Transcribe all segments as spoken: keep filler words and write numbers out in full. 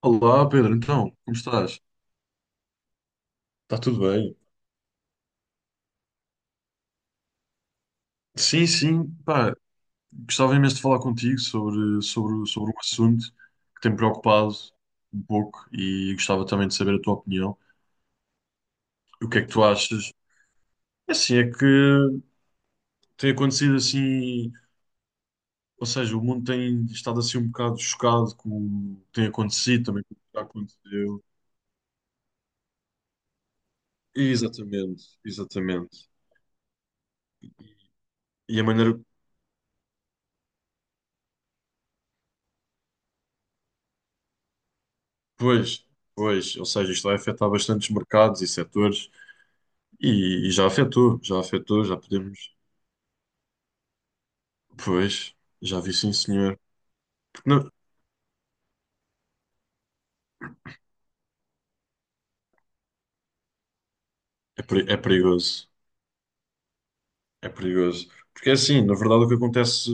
Olá Pedro, então, como estás? Está tudo bem? Sim, sim, pá, gostava imenso de falar contigo sobre, sobre, sobre um assunto que tem me preocupado um pouco e gostava também de saber a tua opinião. O que é que tu achas? É assim, é que tem acontecido assim, ou seja, o mundo tem estado assim um bocado chocado com o que tem acontecido, também com o que já aconteceu. Exatamente, exatamente. E a maneira, pois, pois, ou seja, isto vai afetar bastantes mercados e setores. E, e já afetou, já afetou, já podemos. Pois, já vi sim, senhor. Porque não, é, peri- é perigoso, é perigoso. Porque é assim, na verdade, o que acontece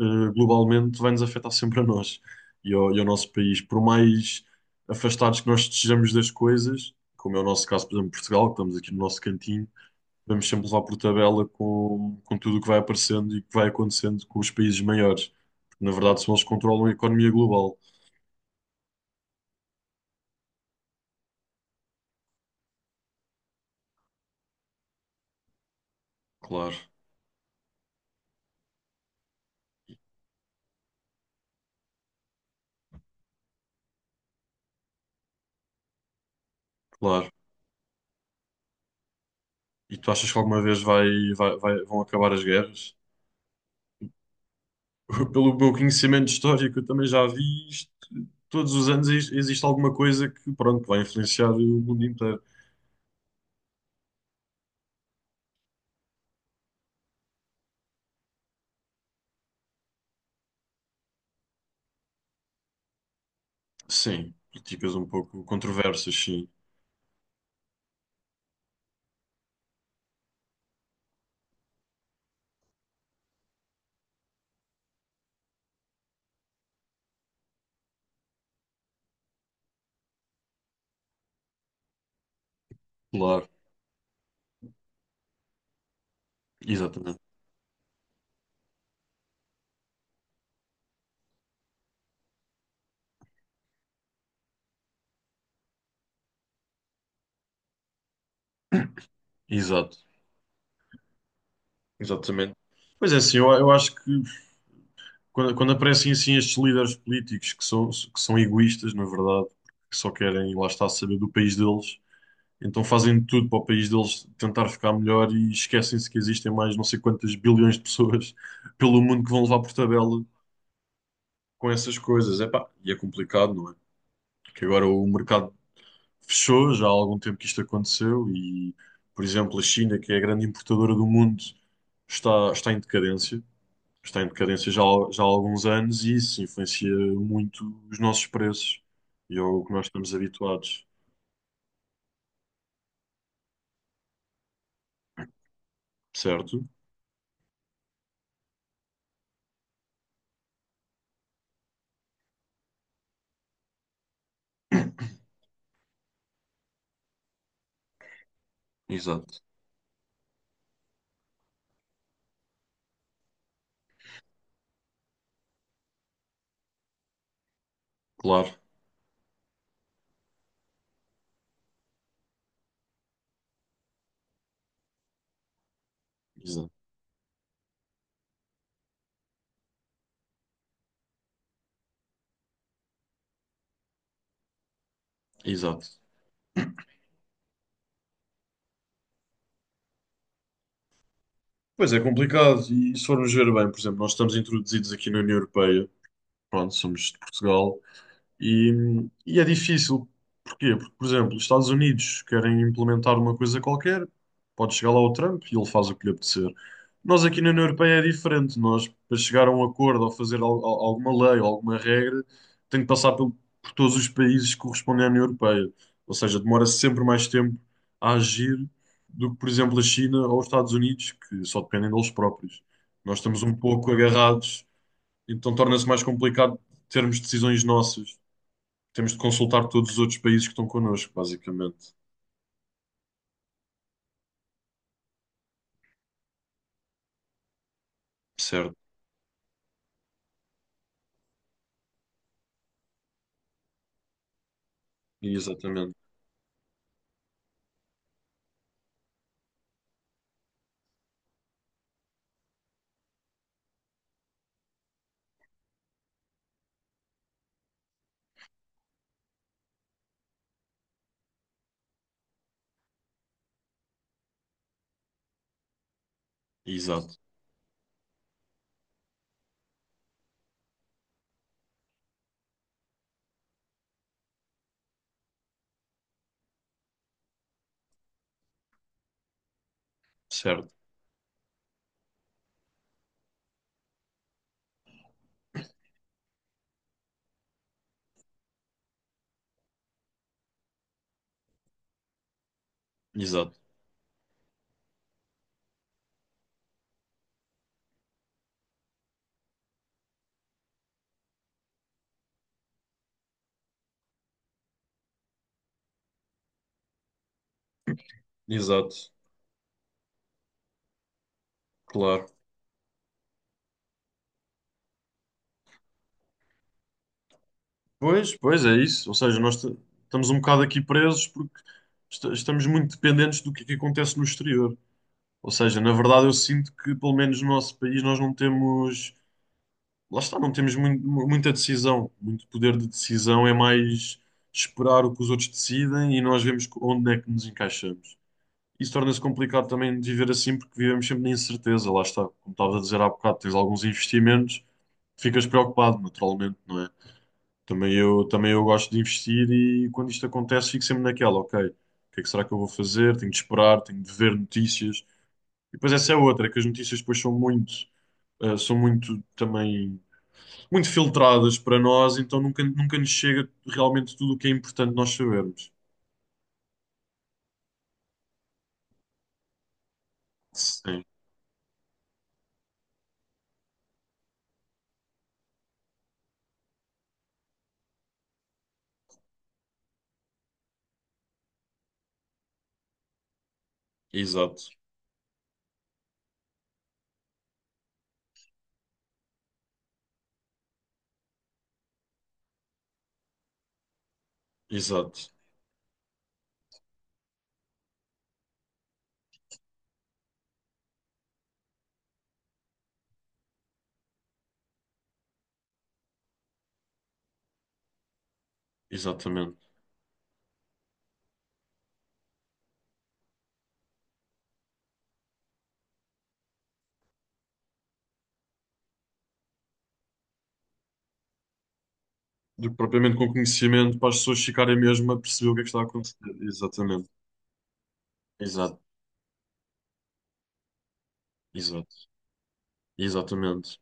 eh, globalmente vai-nos afetar sempre a nós e ao, e ao nosso país. Por mais afastados que nós estejamos das coisas, como é o nosso caso, por exemplo, Portugal, que estamos aqui no nosso cantinho, vamos sempre levar por tabela com, com tudo o que vai aparecendo e que vai acontecendo com os países maiores. Porque, na verdade, são eles que controlam a economia global. Claro, claro. E tu achas que alguma vez vai, vai- vai- vão acabar as guerras? Pelo meu conhecimento histórico, eu também já vi isto. Todos os anos ex- existe alguma coisa que, pronto, vai influenciar o mundo inteiro. Sim, políticas um pouco controversas, sim, claro. Exatamente. Exato. Exatamente. Mas é assim, eu, eu acho que quando, quando aparecem assim estes líderes políticos que são, que são egoístas, na verdade, que só querem, lá está, saber do país deles, então fazem tudo para o país deles tentar ficar melhor e esquecem-se que existem mais não sei quantas bilhões de pessoas pelo mundo que vão levar por tabela com essas coisas. Epá, e é complicado, não é? Que agora o mercado fechou, já há algum tempo que isto aconteceu e, por exemplo, a China, que é a grande importadora do mundo, está, está em decadência. Está em decadência já, há- já há alguns anos e isso influencia muito os nossos preços e é que nós estamos habituados, certo? Exato. Claro, exato. Exato. Pois é complicado, e se formos ver bem, por exemplo, nós estamos introduzidos aqui na União Europeia, pronto, somos de Portugal. E, e é difícil. Porquê? Porque, por exemplo, os Estados Unidos querem implementar uma coisa qualquer, pode chegar lá o Trump e ele faz o que lhe apetecer. Nós aqui na União Europeia é diferente. Nós, para chegar a um acordo ou fazer al- al- alguma lei ou alguma regra, tem que passar pelo- por todos os países que correspondem à União Europeia. Ou seja, demora sempre mais tempo a agir do que, por exemplo, a China ou os Estados Unidos, que só dependem deles próprios. Nós estamos um pouco agarrados, então torna-se mais complicado termos decisões nossas. Temos de consultar todos os outros países que estão connosco, basicamente. Certo. Exatamente. Exato. Certo. Exato. Exato. Claro. Pois, pois é isso. Ou seja, nós t- estamos um bocado aqui presos porque esta- estamos muito dependentes do que é que acontece no exterior. Ou seja, na verdade, eu sinto que, pelo menos no nosso país, nós não temos. Lá está, não temos mui- mu- muita decisão. Muito poder de decisão é mais esperar o que os outros decidem e nós vemos onde é que nos encaixamos. Isso torna-se complicado também de viver assim, porque vivemos sempre na incerteza, lá está. Como estava a dizer há bocado, tens alguns investimentos, ficas preocupado, naturalmente, não é? Também eu, também eu gosto de investir e quando isto acontece, fico sempre naquela, ok, o que é que será que eu vou fazer? Tenho de esperar, tenho de ver notícias. E depois essa é outra, que as notícias depois são muito, eh, são muito também, muito filtradas para nós, então nunca, nunca nos chega realmente tudo o que é importante nós sabermos. Sim, exato, exato, exatamente. Do que propriamente com conhecimento para as pessoas ficarem mesmo a perceber o que é que está a acontecer. Exatamente. Exato. Exato. Exatamente.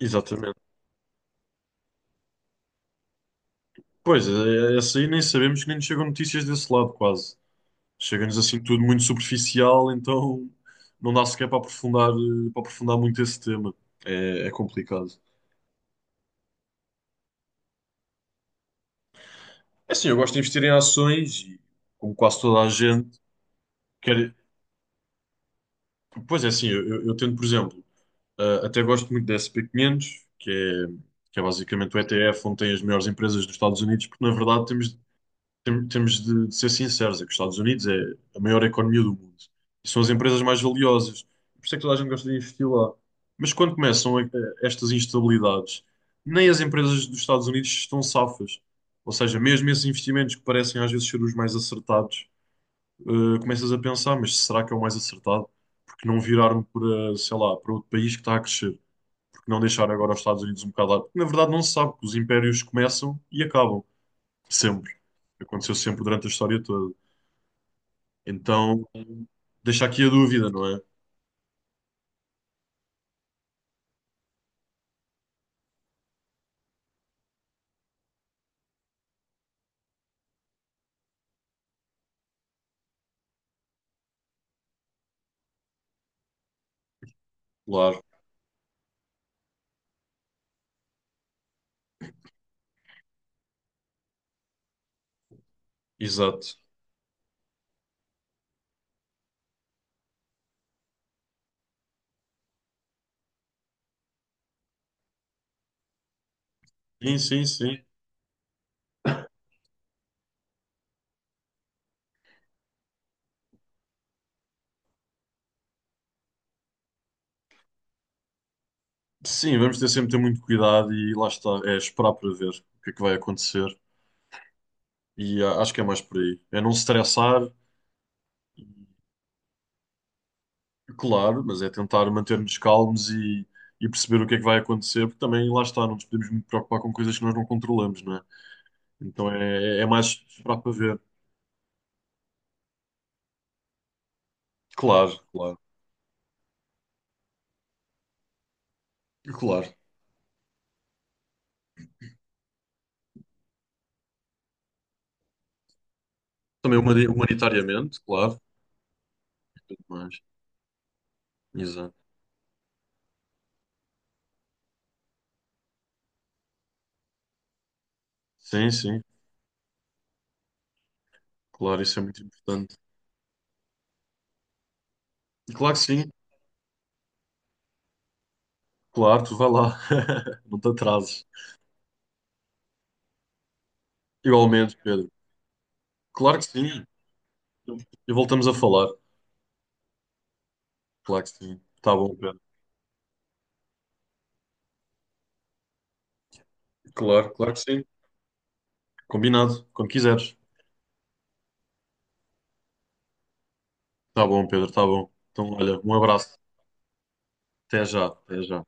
Exatamente. Pois, é- é- essa aí nem sabemos, que nem nos chegam notícias desse lado, quase. Chega-nos assim tudo muito superficial, então não dá sequer para aprofundar, eh, para aprofundar muito esse tema. É, é complicado. É assim, eu gosto de investir em ações e, como quase toda a gente, quer... Pois é assim, eu, eu eu tento, por exemplo. Uh, até gosto muito da S P quinhentos, que é, que é basicamente o E T F onde tem as melhores empresas dos Estados Unidos, porque na verdade temos, tem- temos de, de ser sinceros, é que os Estados Unidos é a maior economia do mundo e são as empresas mais valiosas. Por isso é que toda a gente gosta de investir lá. Mas quando começam a- a- estas instabilidades, nem as empresas dos Estados Unidos estão safas. Ou seja, mesmo esses investimentos que parecem às vezes ser os mais acertados, uh, começas a pensar, mas será que é o mais acertado? Porque não viraram para, sei lá, para outro país que está a crescer? Porque não deixar agora os Estados Unidos um bocado lá? Porque na verdade não se sabe, que os impérios começam e acabam, sempre. Aconteceu sempre durante a história toda. Então, deixa aqui a dúvida, não é? Claro, exato. Sim, sim, sim. Sim, vamos ter sempre ter muito cuidado e lá está, é esperar para ver o que é que vai acontecer. E ah, acho que é mais por aí. É não se estressar, claro, mas é tentar manter-nos calmos e, e perceber o que é que vai acontecer, porque também lá está, não nos podemos muito preocupar com coisas que nós não controlamos, não é? Então é, é mais esperar para ver. Claro, claro, claro. Também humani- humanitariamente, claro, tudo mais. Exato. Sim, sim, claro, isso é muito importante. E claro que sim, claro, tu vai lá, não te atrases. Igualmente, Pedro. Claro que sim, e voltamos a falar. Claro que sim, tá bom, Pedro. Claro, claro que sim. Combinado, quando quiseres. Tá bom, Pedro, tá bom. Então, olha, um abraço. Até já, até já.